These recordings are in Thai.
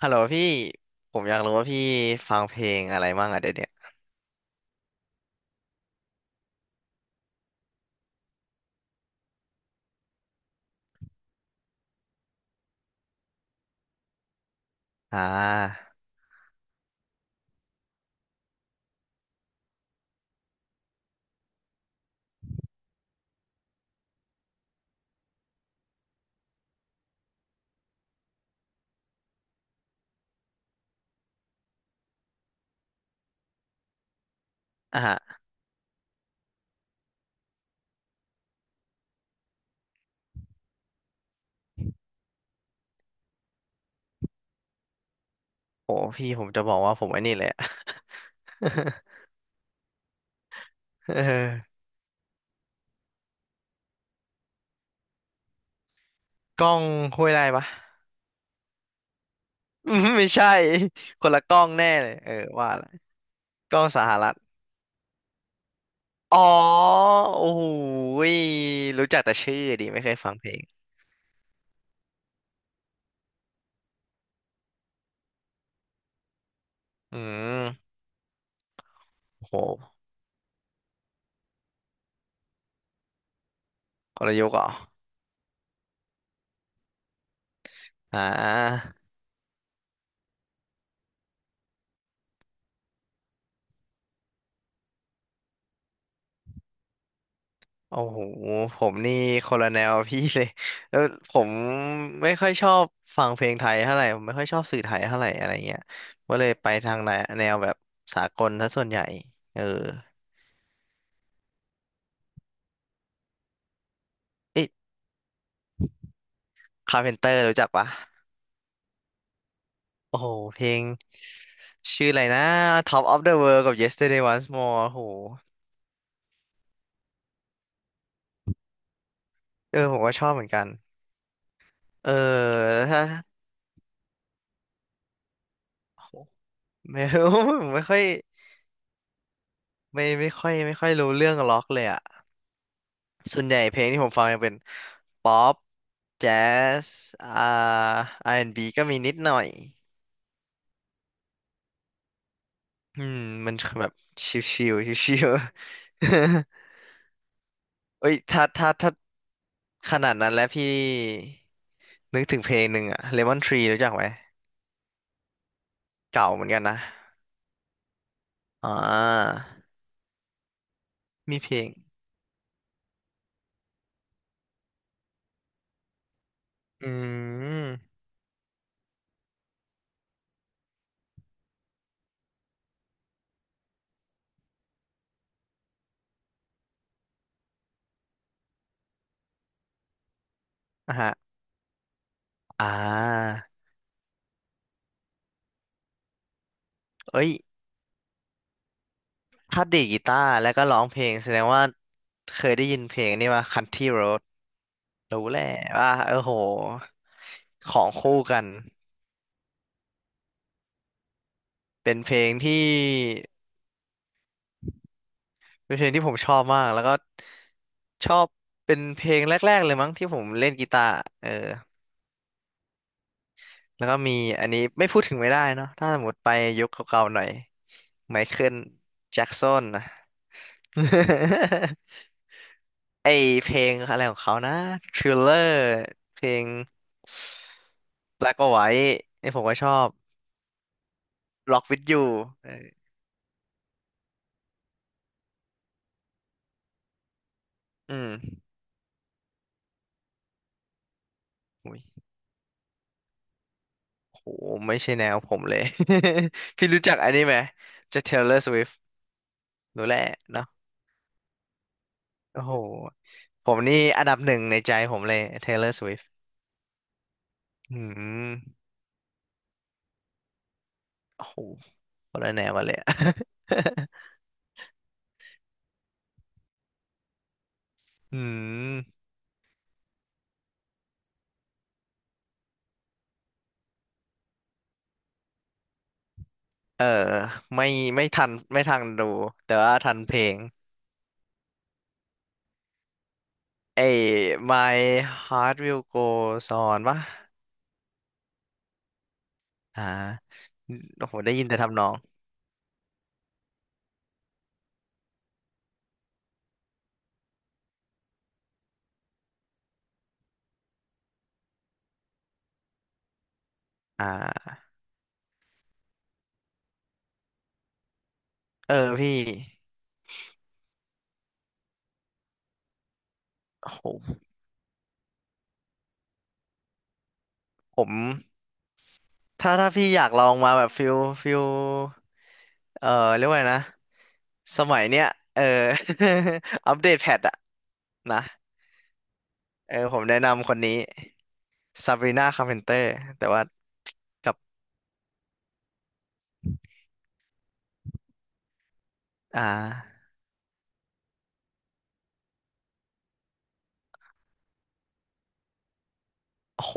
ฮัลโหลพี่ผมอยากรู้ว่าพี่ฟังเพลงอะไรบ้างอะเดี๋ยวเนี้ยอ่าอ่ะฮะโอ้พี่ผมจะบอกว่าผมไอ้นี่เลยอะ เออกล้องห้วยไร่ปะ อืมไม่ใช่คนละกล้องแน่เลยเออว่าละกล้องสหรัฐอ๋อโอ้โหยรู้จักแต่ชื่อดิไม่เคยฟังเพลงอืมโหกลยุทธ์เหรออ่า โอ้โหผมนี่คนละแนวพี่เลย แล้วผมไม่ค่อยชอบฟังเพลงไทยเท่าไหร่ผมไม่ค่อยชอบสื่อไทยเท่าไหร่อะไรเงี้ยก็เลยไปทางแนวแบบสากลซะส่วนใหญ่ เออเอ๊ะคาร์เพนเตอร์รู้จักปะโอ้โหเพลงชื่ออะไรนะ Top of the World กับ Yesterday Once More โอ้โหเออผมก็ชอบเหมือนกัน เออถ้า โอ้โหไม่ ผมไม่ค่อยไม่ค่อยรู้เรื่องล็อกเลยอ่ะ ส่วนใหญ่เพลงที่ผมฟังจะเป็นป๊อปแจ๊สอ่าอาร์แอนด์บ b ก็มีนิดหน่อยอืมมันแบบชิวๆชิวๆ เอ้ยถ้าขนาดนั้นแล้วพี่นึกถึงเพลงหนึ่งอะ Lemon Tree รู้จักไหมเก่าเหมือนกันนะอ่ามีเพลงอืมนะฮะอ่าเอ้ยถ้าดีดกีตาร์แล้วก็ร้องเพลงแสดงว่าเคยได้ยินเพลงนี่ว่า Country Road รู้แหละว่าเออโหของคู่กันเป็นเพลงที่เป็นเพลงที่ผมชอบมากแล้วก็ชอบเป็นเพลงแรกๆเลยมั้งที่ผมเล่นกีตาร์เออแล้วก็มีอันนี้ไม่พูดถึงไม่ได้เนาะถ้าสมมติไปยุคเก่าๆหน่อยไมเคิลแจ็กสันนะ ไอเพลงอะไรของเขานะ Thriller เพลง Black or White ไอผมก็ชอบ Rock with You เอออืมอุ๊ย โห ไม่ใช่แนวผมเลย พี่รู้จักอันนี้ไหมจะ Taylor Swift รู้แหละเนาะโอ้โหผมนี่อันดับหนึ่งในใจผมเลย Taylor Swift อืมโอ้โหคนละแนวมาเลยอะ อืมเออไม่ไม่ทันดูแต่ว่าทันเพลงไอ้ My Heart Will Go On ปะอ่าโอ้โหได้ยินแต่ทำนองอ่าเออพี่โอ้โหผม ถ้าถ้าพี่อยากลองมาแบบฟิล เอ่อเรียกว่าไงนะสมัยเนี้ยเออ อัปเดตแพทอะนะเออผมแนะนำคนนี้ซาบรีนาคาร์เพนเตอร์แต่ว่ากับอ่าโอ้โห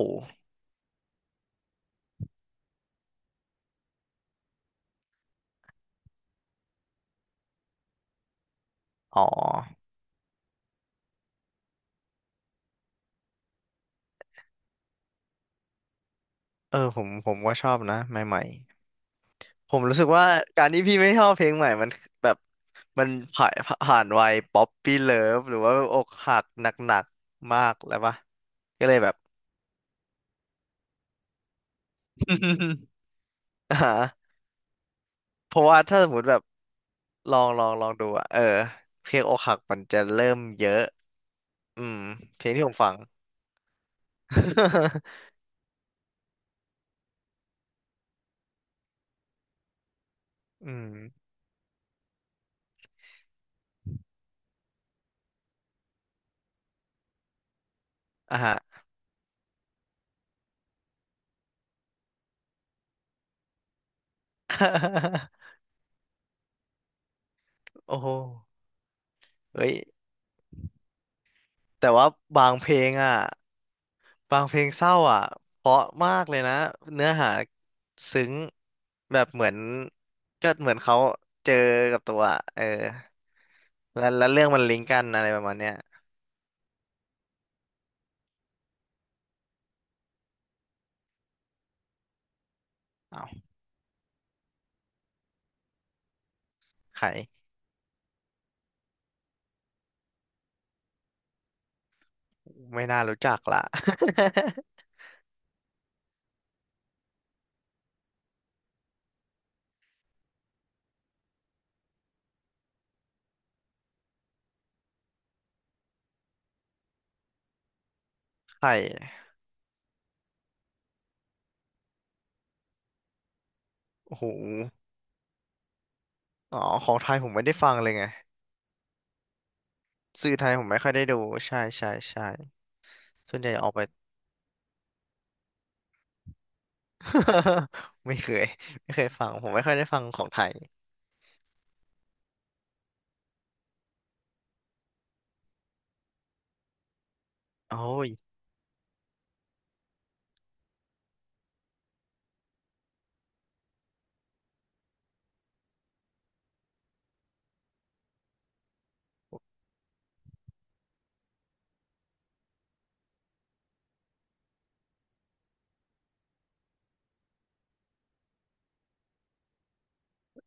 อ๋อเออผมก็ชอบนะใหม่ๆผมรู้สึกว่าการที่พี่ไม่ชอบเพลงใหม่มันแบบมันผ่านผ่านวัยป๊อปปี้เลิฟหรือว่าอกหักหนักๆมากแล้วปะก็เลยแบบ อ่า เพราะว่าถ้าสมมติแบบลองดูอะเออเพลงอกหักมันจะเริ่มเยอะอืมเพลงที่ผมฟัง อืมอ่ะฮะ โอ้โหเฮ้ยแต่ว่าบางเพลงอ่ะบางเพลงเศร้าอ่ะเพราะมากเลยนะเนื้อหาซึ้งแบบเหมือนก็เหมือนเขาเจอกับตัวอะเออแล้วเรื่องมันลิงก์กันอะไรประมาณเนี้ยเอ้าไข่ไม่น่ารู้จักละ ไข่ โอ้โหอ๋อของไทยผมไม่ได้ฟังเลยไงสื่อไทยผมไม่ค่อยได้ดู ใช่ใช่ใช่ส่วนใหญ่ออกไป ไม่เคยไม่เคยฟังผมไม่ค่อยได้ฟังของไทยโอ้ย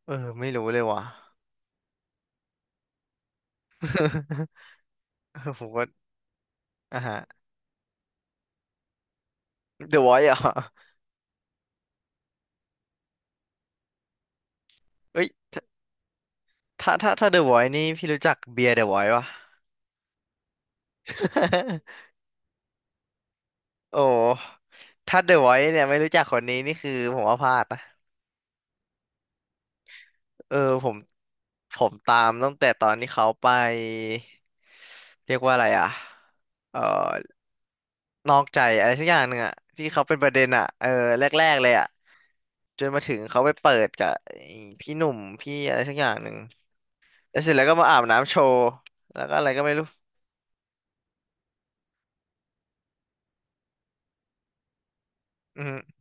เออไม่รู้เลยว่ะ เออผมก็อ่ะฮะ The Voice เหรอ่ะเอ้ยถ้า The Voice นี่พี่รู้จักเบียร์ The Voice ป่ะ โอ้ถ้า The Voice เนี่ยไม่รู้จักคนนี้นี่คือผมว่าพลาดนะ เออผมผมตามตั้งแต่ตอนที่เขาไปเรียกว่าอะไรอ่ะเอ่อนอกใจอะไรสักอย่างหนึ่งอ่ะที่เขาเป็นประเด็นอ่ะเออแรกๆเลยอ่ะจนมาถึงเขาไปเปิดกับไอ้พี่หนุ่มพี่อะไรสักอย่างหนึ่งแล้วเสร็จแล้วก็มาอาบน้ำโชว์แล้วก็อะไรก็ไม่รู้อืม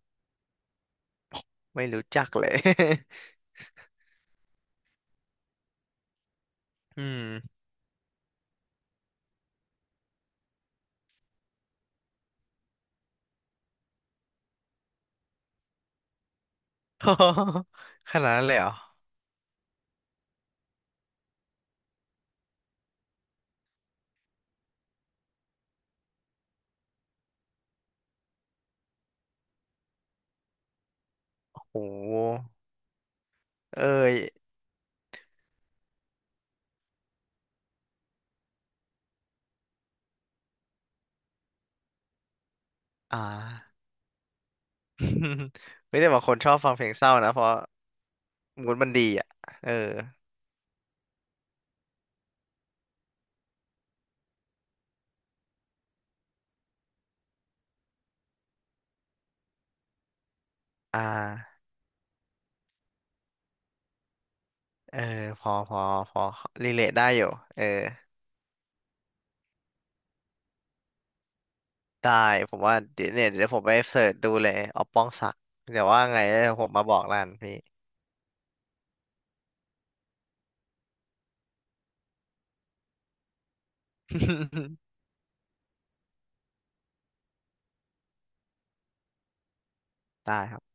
ไม่รู้จักเลย อืม ขนาดนั้นเลยเหรอโอ้โหเอ้ยอ่า ไม่ได้บางคนชอบฟังเพลงเศร้านะเพราะมูดมันดีอ่ะเออ อ่าเออพอพอพอรีเลทได้อยู่เออได้ผมว่าเดี๋ยวเนี่ยเดี๋ยวผมไปเสิร์ชดูเลยออปป้องศักดิ์เดี๋ยวว่าไงเดี๋ยวผมมาบอกร้านพี่ ได้ครับ